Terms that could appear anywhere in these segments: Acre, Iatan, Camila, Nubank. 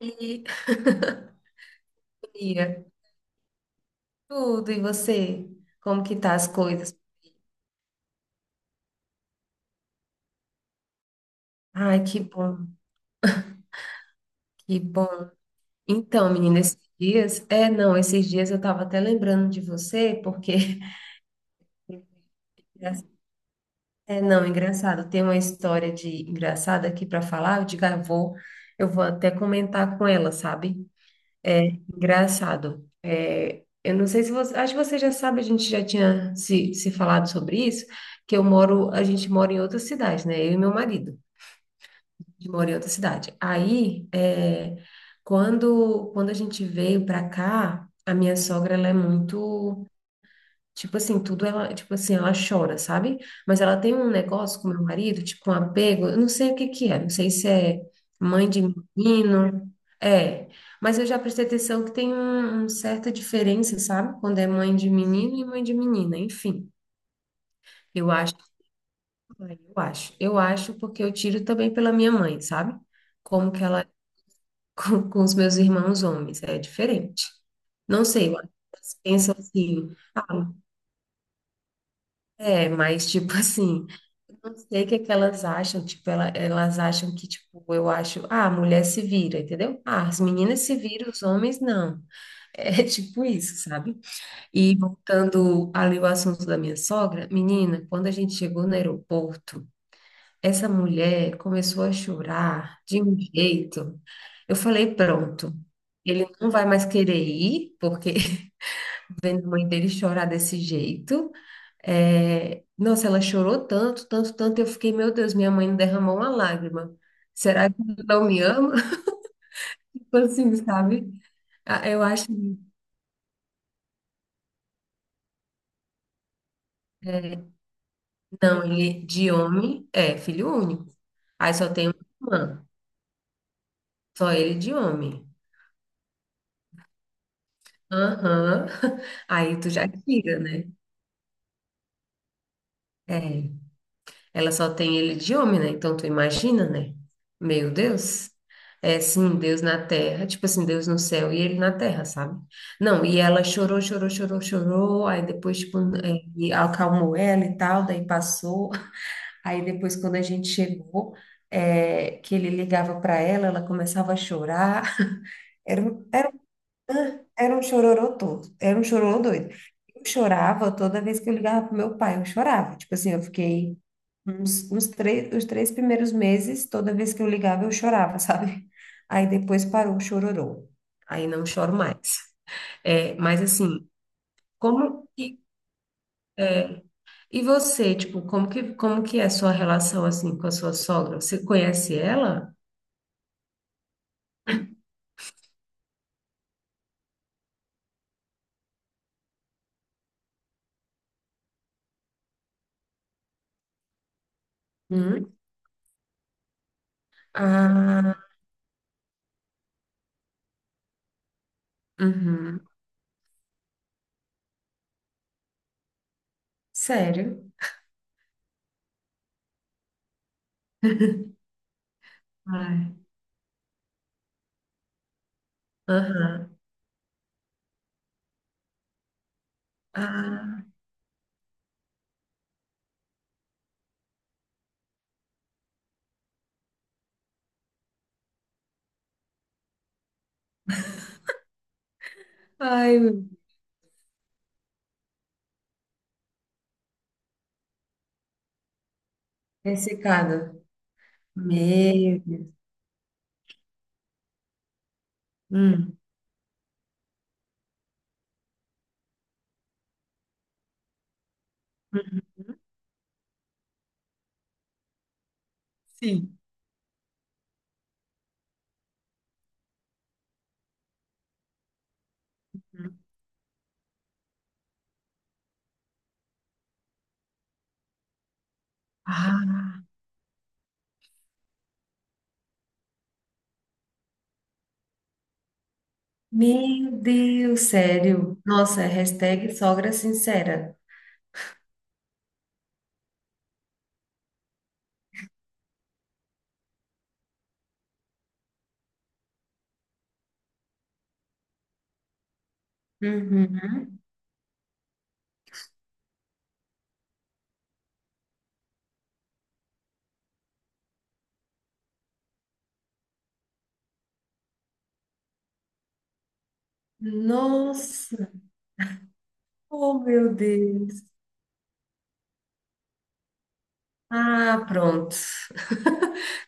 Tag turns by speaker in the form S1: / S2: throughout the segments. S1: E amiga, tudo, e você? Como que tá as coisas? Ai, que bom, que bom. Então, menina, esses dias, é, não, esses dias eu tava até lembrando de você, porque é, não, engraçado, tem uma história de engraçada aqui para falar, eu digo, ah, eu vou até comentar com ela, sabe? Engraçado. É, eu não sei se você, acho que você já sabe, a gente já tinha se falado sobre isso, que eu moro, a gente mora em outra cidade, né? Eu e meu marido. De moro em outra cidade. Aí, é, quando a gente veio pra cá, a minha sogra, ela é muito, tipo assim, tudo ela, tipo assim, ela chora, sabe? Mas ela tem um negócio com meu marido, tipo um apego, eu não sei o que que é, não sei se é mãe de menino, é, mas eu já prestei atenção que tem um certa diferença, sabe? Quando é mãe de menino e mãe de menina, enfim. Eu acho, eu acho, eu acho porque eu tiro também pela minha mãe, sabe? Como que ela com os meus irmãos homens, é diferente. Não sei, eu acho que elas pensam assim, ah, é, mas tipo assim, eu não sei o que é que elas acham, tipo, elas acham que, tipo, eu acho, ah, a mulher se vira, entendeu? Ah, as meninas se viram, os homens não. É tipo isso, sabe? E voltando ali ao assunto da minha sogra, menina, quando a gente chegou no aeroporto, essa mulher começou a chorar de um jeito. Eu falei, pronto, ele não vai mais querer ir, porque vendo a mãe dele chorar desse jeito. É, nossa, ela chorou tanto, tanto, tanto. Eu fiquei, meu Deus, minha mãe não derramou uma lágrima. Será que ele não me ama? Tipo assim, sabe? Ah, eu acho, é, não, ele de homem é filho único. Aí só tem uma irmã, só ele de homem. Aham. Aí tu já tira, né? É. Ela só tem ele de homem, né? Então tu imagina, né? Meu Deus. É sim, Deus na terra, tipo assim, Deus no céu e ele na terra, sabe? Não, e ela chorou, chorou, chorou, chorou, aí depois, tipo, é, e acalmou ela e tal, daí passou. Aí depois, quando a gente chegou, é, que ele ligava para ela, ela começava a chorar. Era, um- era, um- era um chororô todo, era um chororô doido. Eu chorava toda vez que eu ligava pro meu pai, eu chorava. Tipo assim, eu fiquei uns três, os 3 primeiros meses, toda vez que eu ligava, eu chorava, sabe? Aí depois parou o chororô. Aí não choro mais. É, mas assim, como que, e você, tipo, como que é a sua relação assim com a sua sogra? Você conhece ela? Hum? Ah, uhum. Sério? Ai, aham. Ah, ai, ressecada. Meu. Hum. Sim. Ah. Meu Deus, sério. Nossa, hashtag sogra sincera. Uhum. Nossa, oh meu Deus. Ah, pronto.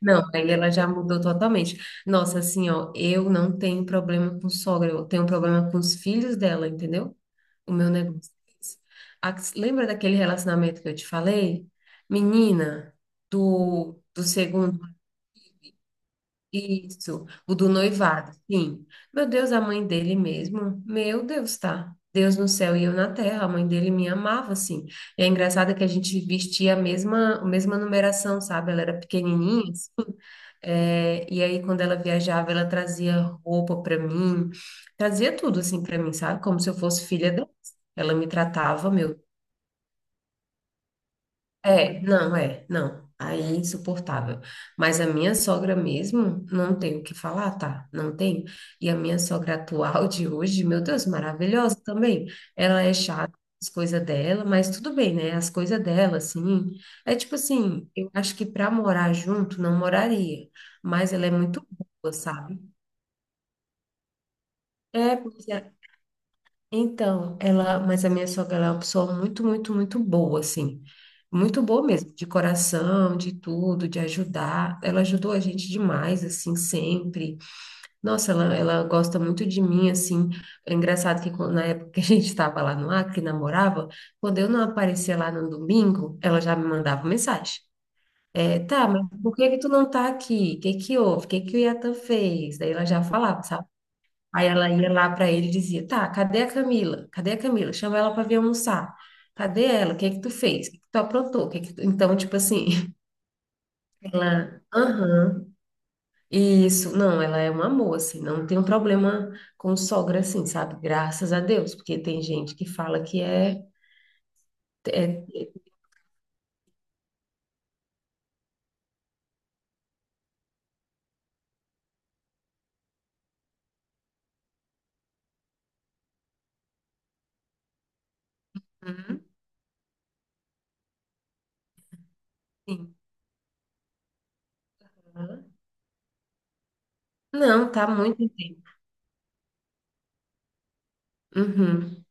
S1: Não, aí ela já mudou totalmente. Nossa, assim, ó, eu não tenho problema com sogra, eu tenho problema com os filhos dela, entendeu? O meu negócio é esse. A- lembra daquele relacionamento que eu te falei? Menina, do segundo. Isso, o do noivado, sim. Meu Deus, a mãe dele mesmo. Meu Deus, tá? Deus no céu e eu na terra. A mãe dele me amava, assim. E é engraçado que a gente vestia a mesma numeração, sabe? Ela era pequenininha. É, e aí, quando ela viajava, ela trazia roupa pra mim, trazia tudo, assim, pra mim, sabe? Como se eu fosse filha dela. Ela me tratava, meu, é, não, é, não. Aí é insuportável. Mas a minha sogra mesmo, não tem o que falar, tá? Não tem. E a minha sogra atual de hoje, meu Deus, maravilhosa também. Ela é chata, as coisas dela, mas tudo bem, né? As coisas dela, assim. É tipo assim, eu acho que pra morar junto, não moraria. Mas ela é muito boa, sabe? É, porque então, ela, mas a minha sogra, ela é uma pessoa muito, muito, muito boa, assim. Muito boa mesmo, de coração, de tudo, de ajudar. Ela ajudou a gente demais, assim, sempre. Nossa, ela gosta muito de mim, assim. É engraçado que quando- na época que a gente estava lá no Acre, namorava, quando eu não aparecia lá no domingo, ela já me mandava mensagem. É, tá, mas por que que tu não tá aqui? O que que houve? O que que o Iatan fez? Daí ela já falava, sabe? Aí ela ia lá para ele e dizia: tá, cadê a Camila? Cadê a Camila? Chama ela para vir almoçar. Cadê ela? O que é que tu fez? O que é que tu aprontou? O que é que tu-" Então, tipo assim, ela, aham, isso, não, ela é um amor, assim, não tem um problema com sogra, assim, sabe? Graças a Deus, porque tem gente que fala que é. É- é- uhum, sim. Uhum. Não, tá muito bem. Uhum.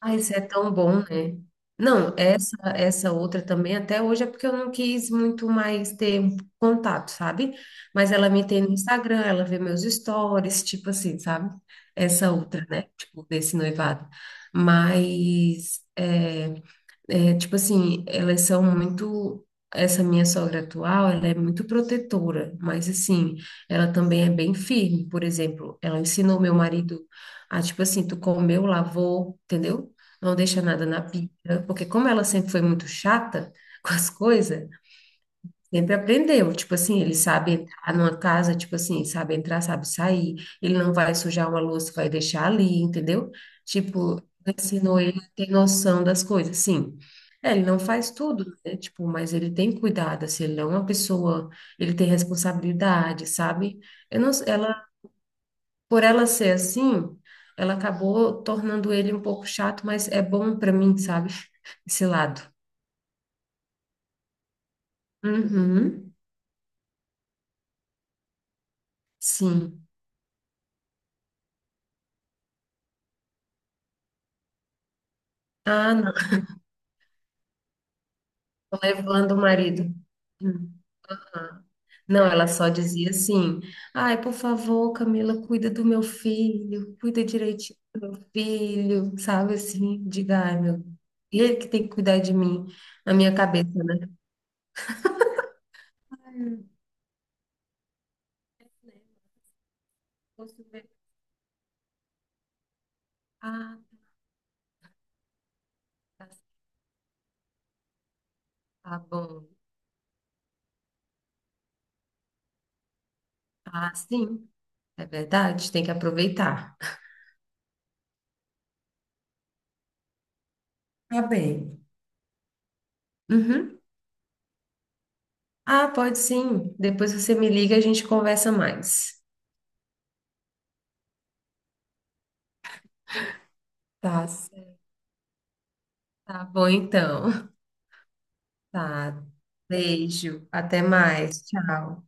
S1: Ah, isso é tão bom, né? Não, essa outra também até hoje é porque eu não quis muito mais ter um contato, sabe? Mas ela me tem no Instagram, ela vê meus stories, tipo assim, sabe? Essa outra, né? Tipo, desse noivado. Mas é, é, tipo assim, elas são muito. Essa minha sogra atual, ela é muito protetora, mas assim, ela também é bem firme. Por exemplo, ela ensinou meu marido a, tipo assim, tu comeu, lavou, entendeu? Não deixa nada na pia, porque como ela sempre foi muito chata com as coisas, sempre aprendeu, tipo assim, ele sabe entrar numa casa, tipo assim, sabe entrar, sabe sair, ele não vai sujar uma louça, vai deixar ali, entendeu? Tipo, ensinou ele a ter noção das coisas, sim. É, ele não faz tudo, né? Tipo, mas ele tem cuidado, assim, ele não é uma pessoa, ele tem responsabilidade, sabe? Eu não, ela, por ela ser assim, ela acabou tornando ele um pouco chato, mas é bom pra mim, sabe? Esse lado. Uhum, sim. Ah, levando o marido. Hum. Ah. Não, ela só dizia assim: ai, por favor, Camila, cuida do meu filho, cuida direitinho do meu filho, sabe assim? Diga, ai, meu, ele que tem que cuidar de mim, na minha cabeça, né? Hum, posso ver? Ah, tá, tá bom. Ah, sim, é verdade, tem que aproveitar. Tá bem. Uhum. Ah, pode sim. Depois você me liga e a gente conversa mais. Tá certo. Tá bom, então. Tá. Beijo. Até mais. Tchau.